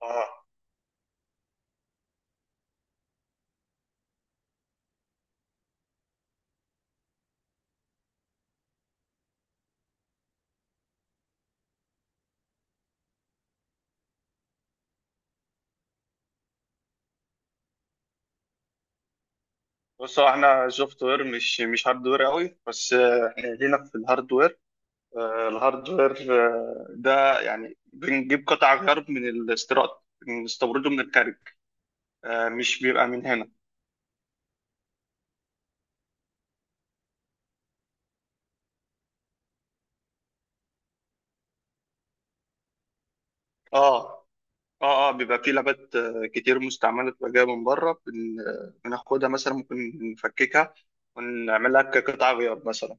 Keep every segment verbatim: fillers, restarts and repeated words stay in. اه، بص، هو احنا سوفت وير، مش مش هاردوير قوي. بس آه، احنا لينا في الهاردوير. آه، الهاردوير، آه، ده يعني بنجيب قطع غيار من الاستيراد، بنستورده من الخارج، آه، مش بيبقى من هنا. اه، اه، اه، بيبقى في لابات آه، كتير مستعمله، بتبقى جايه من بره. بن- آه، بناخدها مثلا، ممكن نفككها ونعملها كقطع غيار مثلا.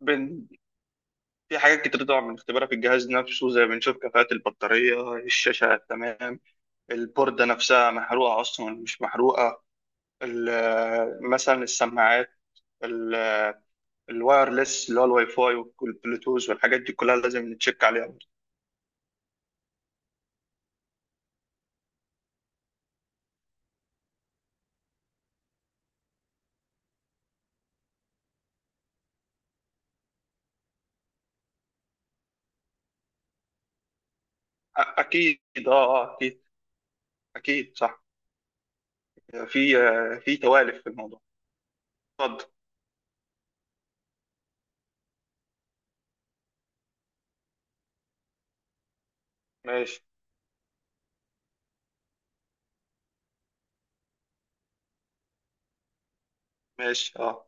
بن... في حاجات كتير طبعا بنختبرها في الجهاز نفسه، زي بنشوف كفاءة البطارية، الشاشة تمام، البوردة نفسها محروقة أصلا مش محروقة، ال- مثلا السماعات، ال- الوايرلس اللي هو الواي فاي والبلوتوث والحاجات دي كلها لازم نتشيك عليها. أ- أكيد. أه آه، أكيد. أكيد صح. في آه، في توالف في الموضوع. اتفضل. ماشي. ماشي. أه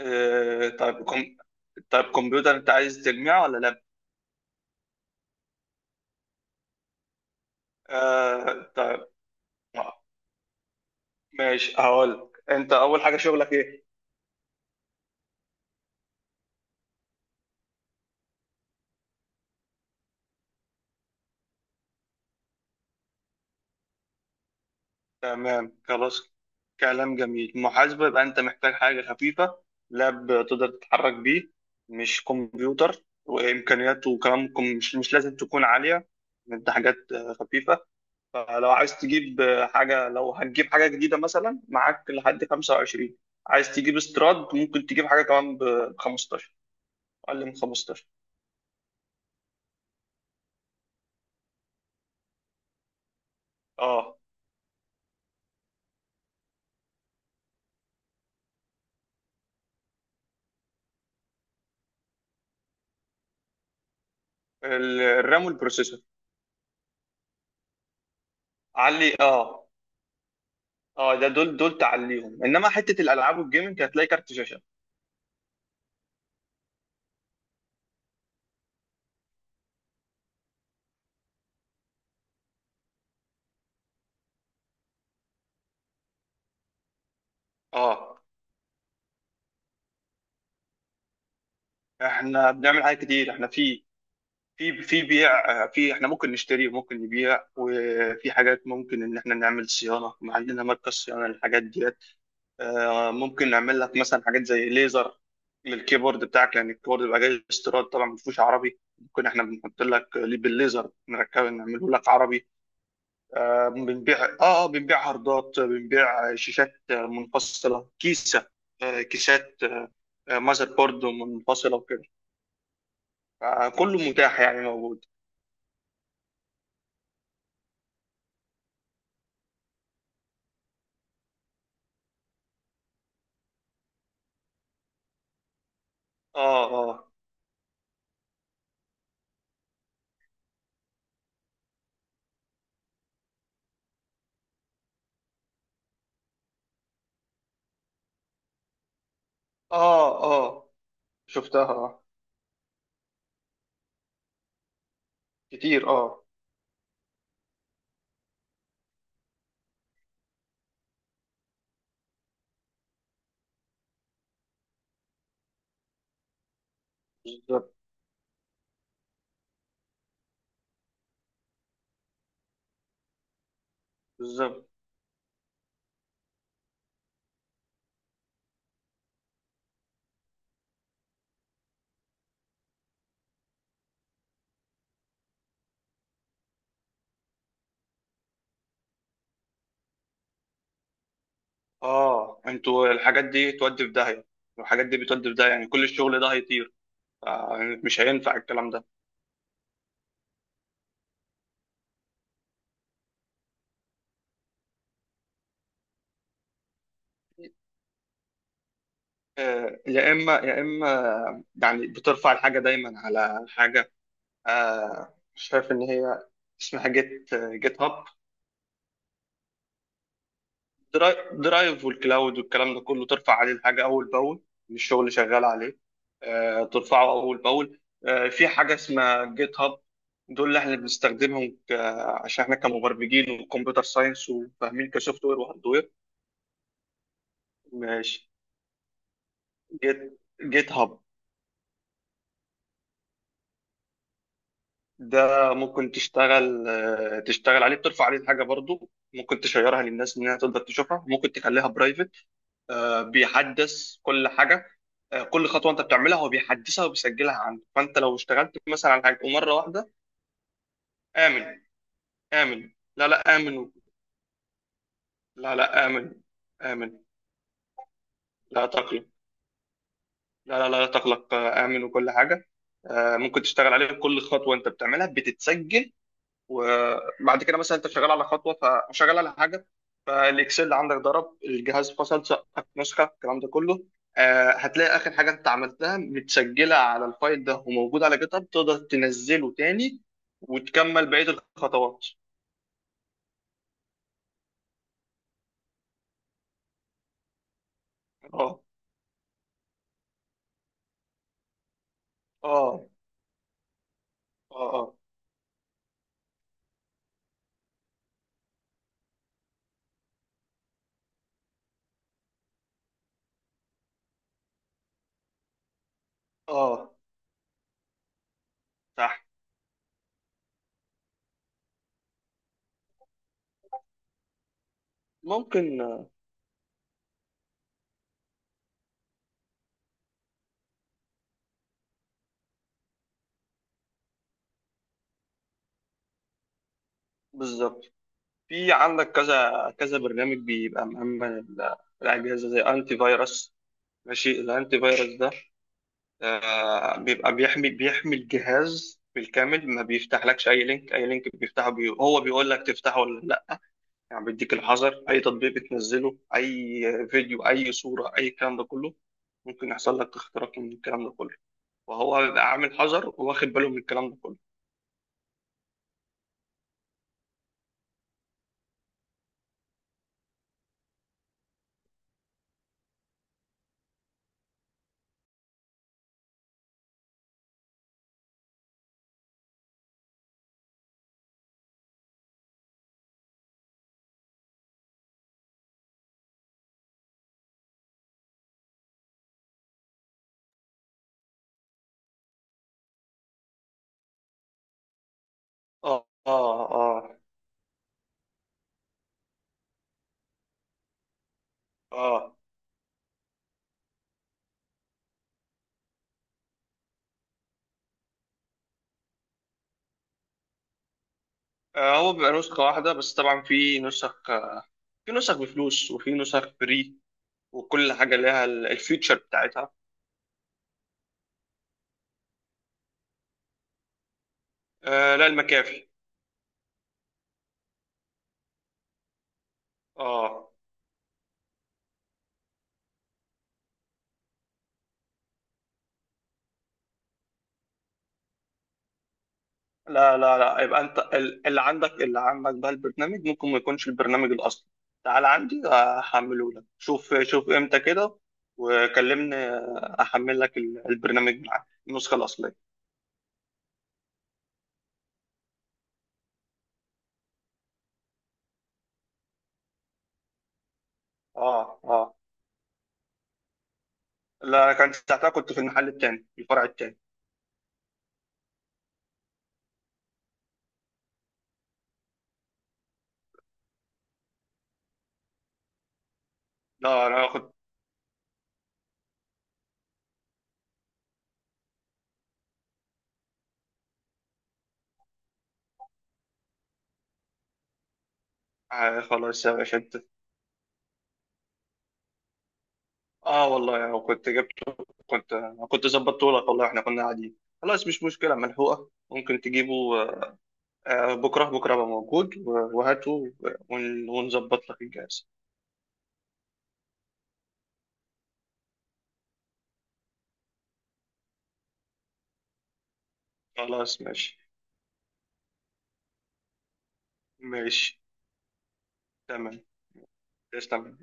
آه، طيب كم. طيب كمبيوتر أنت عايز تجميعه ولا لأ؟ آه، طيب. آه، ماشي، هقول لك. أنت أول حاجة شغلك إيه؟ تمام، خلاص. كلام جميل، محاسبة، يبقى أنت محتاج حاجة خفيفة، لاب تقدر تتحرك بيه، مش كمبيوتر وإمكانياته كمان كم- مش مش لازم تكون عالية. أنت حاجات آه، خفيفة. فلو عايز تجيب آه، حاجة، لو هتجيب حاجة جديدة مثلا، معاك لحد خمسة وعشرين، عايز تجيب استراد ممكن تجيب حاجة كمان ب خمستاشر، أقل من خمستاشر. أه، ال- الرام والبروسيسور. علي أه، اه، ده دول دول تعليهم، انما حته الالعاب والجيمنج هتلاقي كارت شاشه. اه، احنا بنعمل حاجات كتير، احنا في في في بيع، آه، في احنا ممكن نشتري وممكن نبيع، وفي حاجات ممكن ان احنا نعمل صيانه، ما عندنا مركز صيانه للحاجات ديت. آه، ممكن نعمل لك مثلا حاجات زي ليزر للكيبورد بتاعك، لان الكيبورد بيبقى جاي استيراد طبعا، ما فيهوش عربي، ممكن احنا بنحط لك ليه بالليزر، نركب نعمله لك عربي. آه، بنبيع. اه، آه، بنبيع هاردات، بنبيع شاشات منفصله، كيسه، آه، كيسات، آه، ماذر بورد منفصله، آه، كله متاح، يعني موجود. اه، اه، اه، اه، شفتها، اه، كتير. اه، بالظبط. بالظبط، اه، انتوا الحاجات دي تودي في داهية، الحاجات دي بتودي في داهية، يعني كل الشغل ده هيطير. آه، مش هينفع الكلام ده. آه، يا اما يا اما، يعني بترفع الحاجه دايما على حاجه. آه، شايف ان هي اسمها جيت جيت هاب. دراي- درايف والكلاود والكلام ده كله، ترفع عليه الحاجه اول باول، الشغل اللي شغال عليه. آه، ترفعه اول باول. آه، في حاجه اسمها جيت هاب، دول اللي احنا بنستخدمهم ك... عشان احنا كمبرمجين وكمبيوتر ساينس وفاهمين كسوفت وير وهاردوير. ماشي. جيت جيت هاب. ده ممكن تشتغل آه، تشتغل عليه، بترفع عليه الحاجه برضو، ممكن تشيرها للناس انها تقدر تشوفها، ممكن تخليها برايفت. آه، بيحدث كل حاجه. آه، كل خطوه انت بتعملها هو بيحدثها وبيسجلها عنده، فانت لو اشتغلت مثلا على حاجه، ومره واحده امن. امن. لا، لا، امن. لا، لا، امن، امن. لا تقلق. لا، لا، لا تقلق. آه، امن، وكل حاجه. آه، ممكن تشتغل عليه، كل خطوه انت بتعملها بتتسجل. وبعد كده مثلا انت شغال على خطوه، فشغال على حاجه، فالاكسل عندك ضرب الجهاز، فصل سقفك نسخه الكلام ده كله، آه، هتلاقي اخر حاجه انت عملتها متسجله على الفايل ده وموجود على جيت هاب، تقدر تنزله تاني وتكمل بقيه الخطوات. اه، اه، اه، اه، اه، صح. ممكن، آه، بالظبط. في عندك كذا كذا برنامج بيبقى مأمن ال- الأجهزة، زي أنتي فيروس. ماشي. الأنتي فيروس ده آه، بيبقى بيحمي بيحمي الجهاز بالكامل، ما بيفتحلكش اي لينك، اي لينك بيفتحه بي... هو بيقول لك تفتحه ولا لا، يعني بيديك الحذر، اي تطبيق بتنزله، اي فيديو، اي صورة، اي الكلام ده كله ممكن يحصل لك اختراق من الكلام ده كله، وهو بيبقى عامل حذر، واخد باله من الكلام ده كله. اه، اه، اه، اه، آه، هو بيبقى نسخة واحدة بس، طبعا في نسخ في نسخ بفلوس، وفي نسخ فري، وكل حاجة لها ال- الفيتشر بتاعتها. آه، لا، المكافي. اه. لا، لا، لا، يبقى انت ال- اللي عندك، اللي عندك بقى البرنامج ممكن ما يكونش البرنامج الاصلي. تعال عندي هحمله لك، شوف شوف امتى كده وكلمني، احمل لك ال- البرنامج، معاك النسخه الاصليه. اه، اه، لا، انا كان ساعتها كنت في المحل التاني، الفرع التاني. لا، انا كنت... آه، خلاص يا باشا. انت... اه، والله انا كنت جبته، كنت كنت ظبطته لك والله، احنا كنا قاعدين. خلاص، مش مشكله، ملحوقه، ممكن تجيبه. آه، آه، بكرة بكرة أبقى موجود، و- وهاته، ون- ونظبط لك الجهاز. خلاص ماشي. ماشي. تمام. تمام.